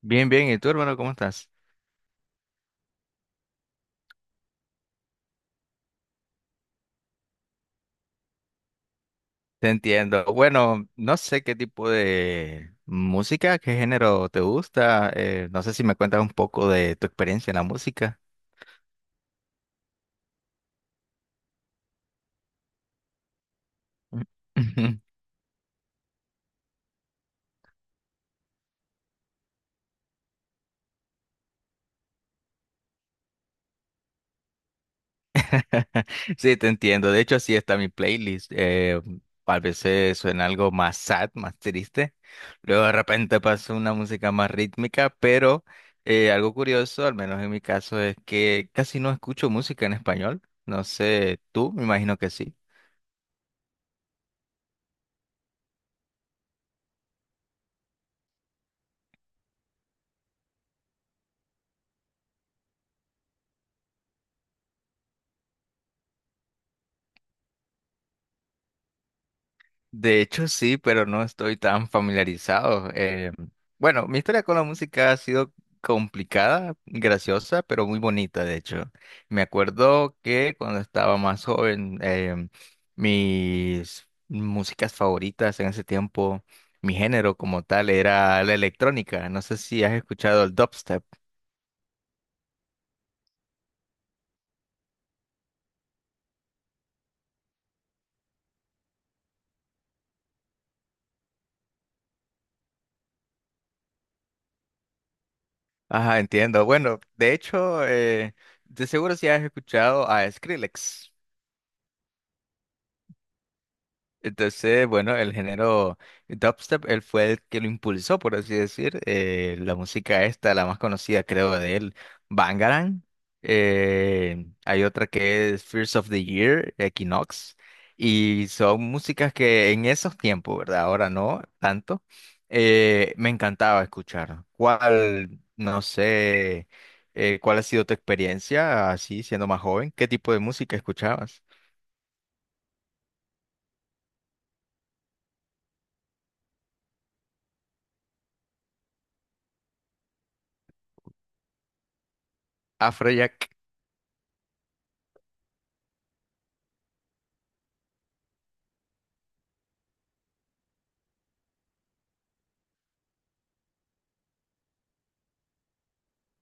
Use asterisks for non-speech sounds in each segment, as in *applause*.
Bien, bien. ¿Y tú, hermano, cómo estás? Te entiendo. Bueno, no sé qué tipo de música, qué género te gusta. No sé si me cuentas un poco de tu experiencia en la música. *laughs* Sí, te entiendo. De hecho, así está mi playlist. A veces suena algo más sad, más triste. Luego de repente pasa una música más rítmica, pero algo curioso, al menos en mi caso, es que casi no escucho música en español. No sé, tú, me imagino que sí. De hecho, sí, pero no estoy tan familiarizado. Bueno, mi historia con la música ha sido complicada, graciosa, pero muy bonita, de hecho. Me acuerdo que cuando estaba más joven, mis músicas favoritas en ese tiempo, mi género como tal era la electrónica. No sé si has escuchado el dubstep. Ajá, entiendo. Bueno, de hecho, de seguro si has escuchado a Skrillex. Entonces, bueno, el género dubstep, él fue el que lo impulsó, por así decir. La música esta, la más conocida creo de él, Bangarang. Hay otra que es Fears of the Year, Equinox. Y son músicas que en esos tiempos, ¿verdad? Ahora no tanto. Me encantaba escuchar. ¿Cuál, no sé, cuál ha sido tu experiencia así siendo más joven? ¿Qué tipo de música escuchabas? Afrojack.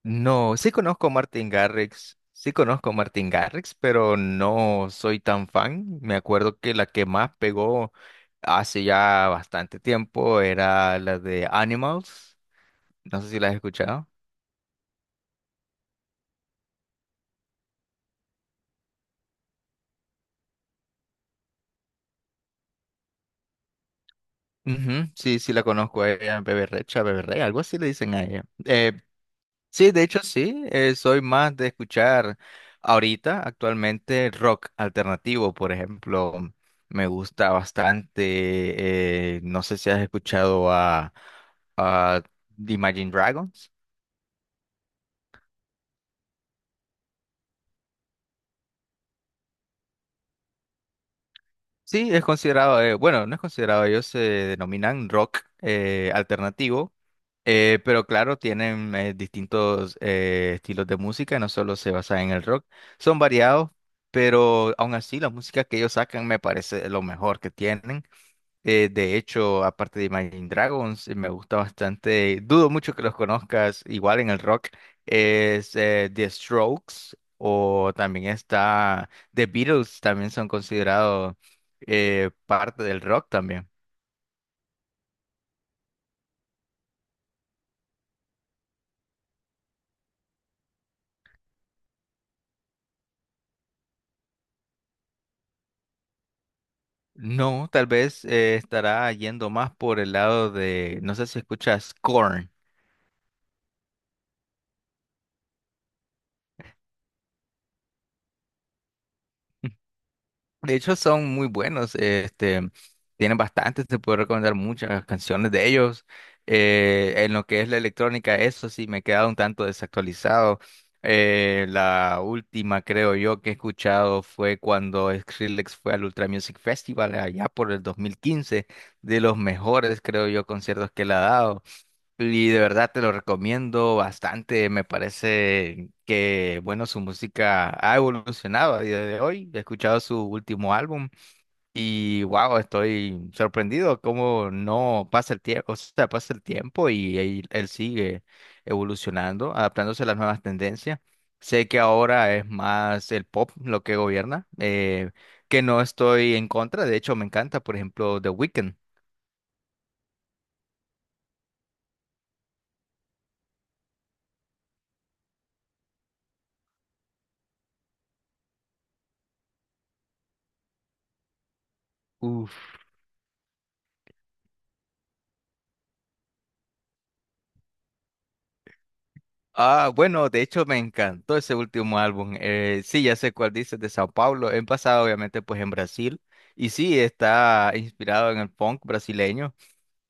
No, sí conozco a Martin Garrix, sí conozco a Martin Garrix, pero no soy tan fan. Me acuerdo que la que más pegó hace ya bastante tiempo era la de Animals. No sé si la has escuchado. Ujú, sí, sí la conozco a ella, Bebe Recha, Bebe Rey, algo así le dicen a ella. Sí, de hecho sí, soy más de escuchar ahorita actualmente rock alternativo, por ejemplo, me gusta bastante, no sé si has escuchado a Imagine Dragons. Sí, es considerado, bueno, no es considerado, ellos se denominan rock alternativo, pero claro, tienen distintos estilos de música, no solo se basan en el rock, son variados, pero aún así la música que ellos sacan me parece lo mejor que tienen. De hecho, aparte de Imagine Dragons, me gusta bastante, dudo mucho que los conozcas, igual en el rock, es The Strokes o también está The Beatles, también son considerados parte del rock también. No, tal vez estará yendo más por el lado de, no sé si escuchas Korn. De hecho, son muy buenos. Este, tienen bastantes, te puedo recomendar muchas canciones de ellos. En lo que es la electrónica, eso sí, me he quedado un tanto desactualizado. La última, creo yo, que he escuchado fue cuando Skrillex fue al Ultra Music Festival allá por el 2015, de los mejores, creo yo, conciertos que le ha dado. Y de verdad te lo recomiendo bastante. Me parece que, bueno, su música ha evolucionado a día de hoy. He escuchado su último álbum y, wow, estoy sorprendido cómo no pasa el tiempo, o sea, pasa el tiempo y él sigue evolucionando, adaptándose a las nuevas tendencias. Sé que ahora es más el pop lo que gobierna, que no estoy en contra. De hecho, me encanta, por ejemplo, The Weeknd. Ah, bueno, de hecho me encantó ese último álbum. Sí, ya sé cuál dices, de Sao Paulo. He pasado obviamente pues en Brasil y sí, está inspirado en el funk brasileño.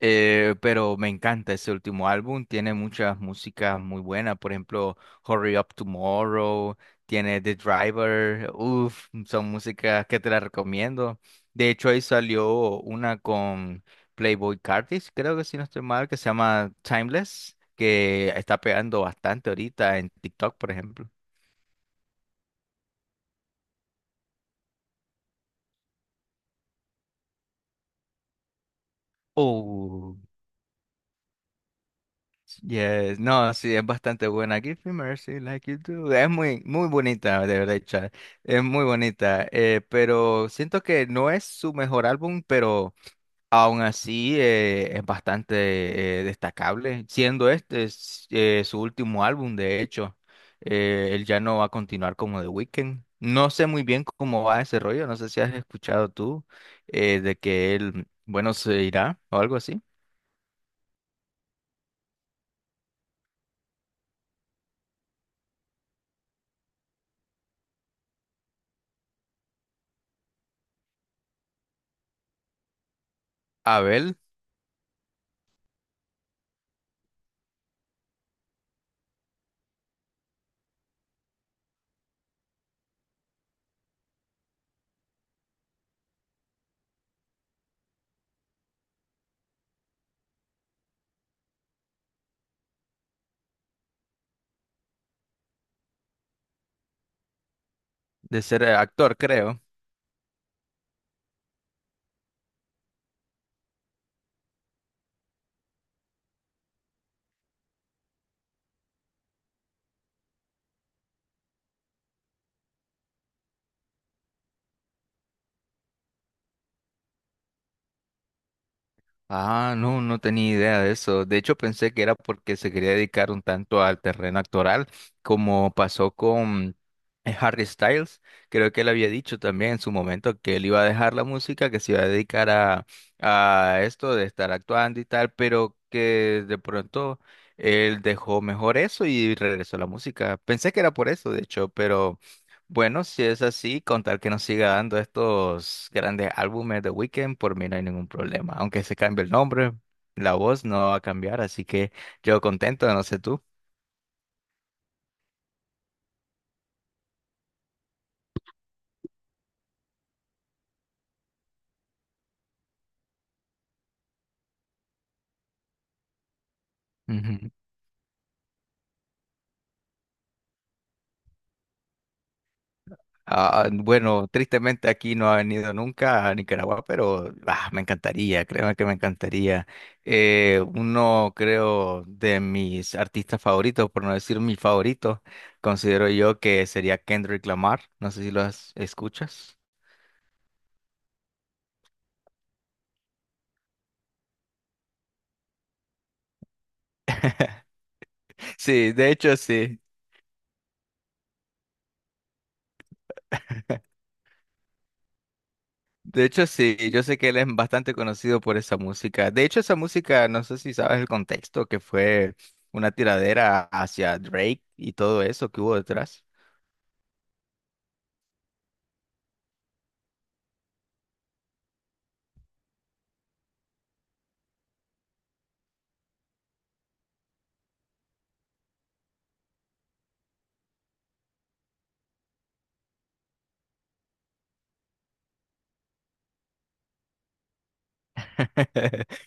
Pero me encanta ese último álbum, tiene muchas músicas muy buenas, por ejemplo, Hurry Up Tomorrow, tiene The Driver, uff, son músicas que te las recomiendo. De hecho, ahí salió una con Playboy Cartis, creo que si no estoy mal, que se llama Timeless, que está pegando bastante ahorita en TikTok, por ejemplo. Oh, yes, no, sí, es bastante buena. Give me mercy like you do. Es muy, muy bonita, de verdad, Chad. Es muy bonita. Pero siento que no es su mejor álbum, pero aún así es bastante destacable. Siendo este es, su último álbum, de hecho, él ya no va a continuar como The Weeknd. No sé muy bien cómo va ese rollo. No sé si has escuchado tú de que él, bueno, se irá o algo así. Abel, de ser actor, creo. Ah, no, no tenía idea de eso. De hecho, pensé que era porque se quería dedicar un tanto al terreno actoral, como pasó con Harry Styles. Creo que él había dicho también en su momento que él iba a dejar la música, que se iba a dedicar a esto de estar actuando y tal, pero que de pronto él dejó mejor eso y regresó a la música. Pensé que era por eso, de hecho, pero... Bueno, si es así, contar que nos siga dando estos grandes álbumes de Weekend, por mí no hay ningún problema. Aunque se cambie el nombre, la voz no va a cambiar, así que yo contento, no sé tú. Ujú. Ah, bueno, tristemente aquí no ha venido nunca a Nicaragua, pero ah, me encantaría, créeme que me encantaría. Uno, creo, de mis artistas favoritos, por no decir mi favorito, considero yo que sería Kendrick Lamar. No sé si lo has- Escuchas. *laughs* Sí, de hecho sí. De hecho, sí, yo sé que él es bastante conocido por esa música. De hecho, esa música, no sé si sabes el contexto, que fue una tiradera hacia Drake y todo eso que hubo detrás. *laughs*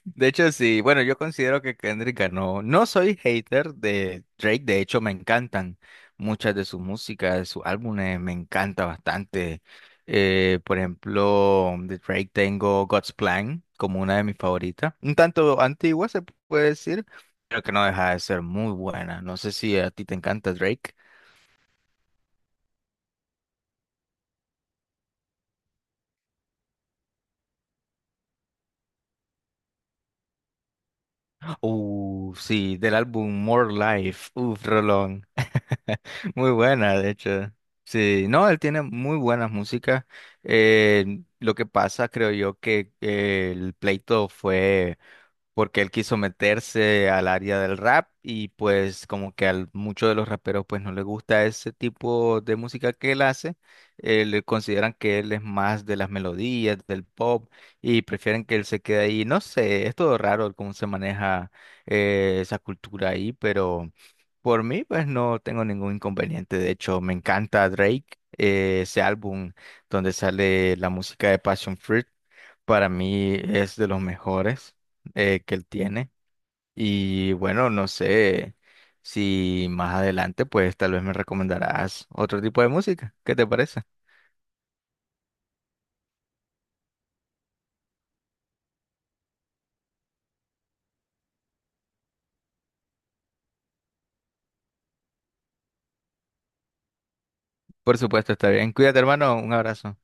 De hecho, sí, bueno, yo considero que Kendrick ganó. No soy hater de Drake, de hecho me encantan muchas de sus músicas, de sus álbumes, me encanta bastante. Por ejemplo, de Drake tengo God's Plan como una de mis favoritas, un tanto antigua se puede decir, pero que no deja de ser muy buena. No sé si a ti te encanta Drake. Sí, del álbum More Life. Uf, rolón. *laughs* Muy buena, de hecho. Sí, no, él tiene muy buenas músicas. Lo que pasa, creo yo, que el pleito fue porque él quiso meterse al área del rap y pues como que a muchos de los raperos pues no les gusta ese tipo de música que él hace, le consideran que él es más de las melodías, del pop y prefieren que él se quede ahí. No sé, es todo raro cómo se maneja esa cultura ahí, pero por mí pues no tengo ningún inconveniente. De hecho, me encanta Drake, ese álbum donde sale la música de Passion Fruit. Para mí es de los mejores que él tiene. Y bueno, no sé si más adelante, pues tal vez me recomendarás otro tipo de música. ¿Qué te parece? Por supuesto, está bien. Cuídate, hermano. Un abrazo.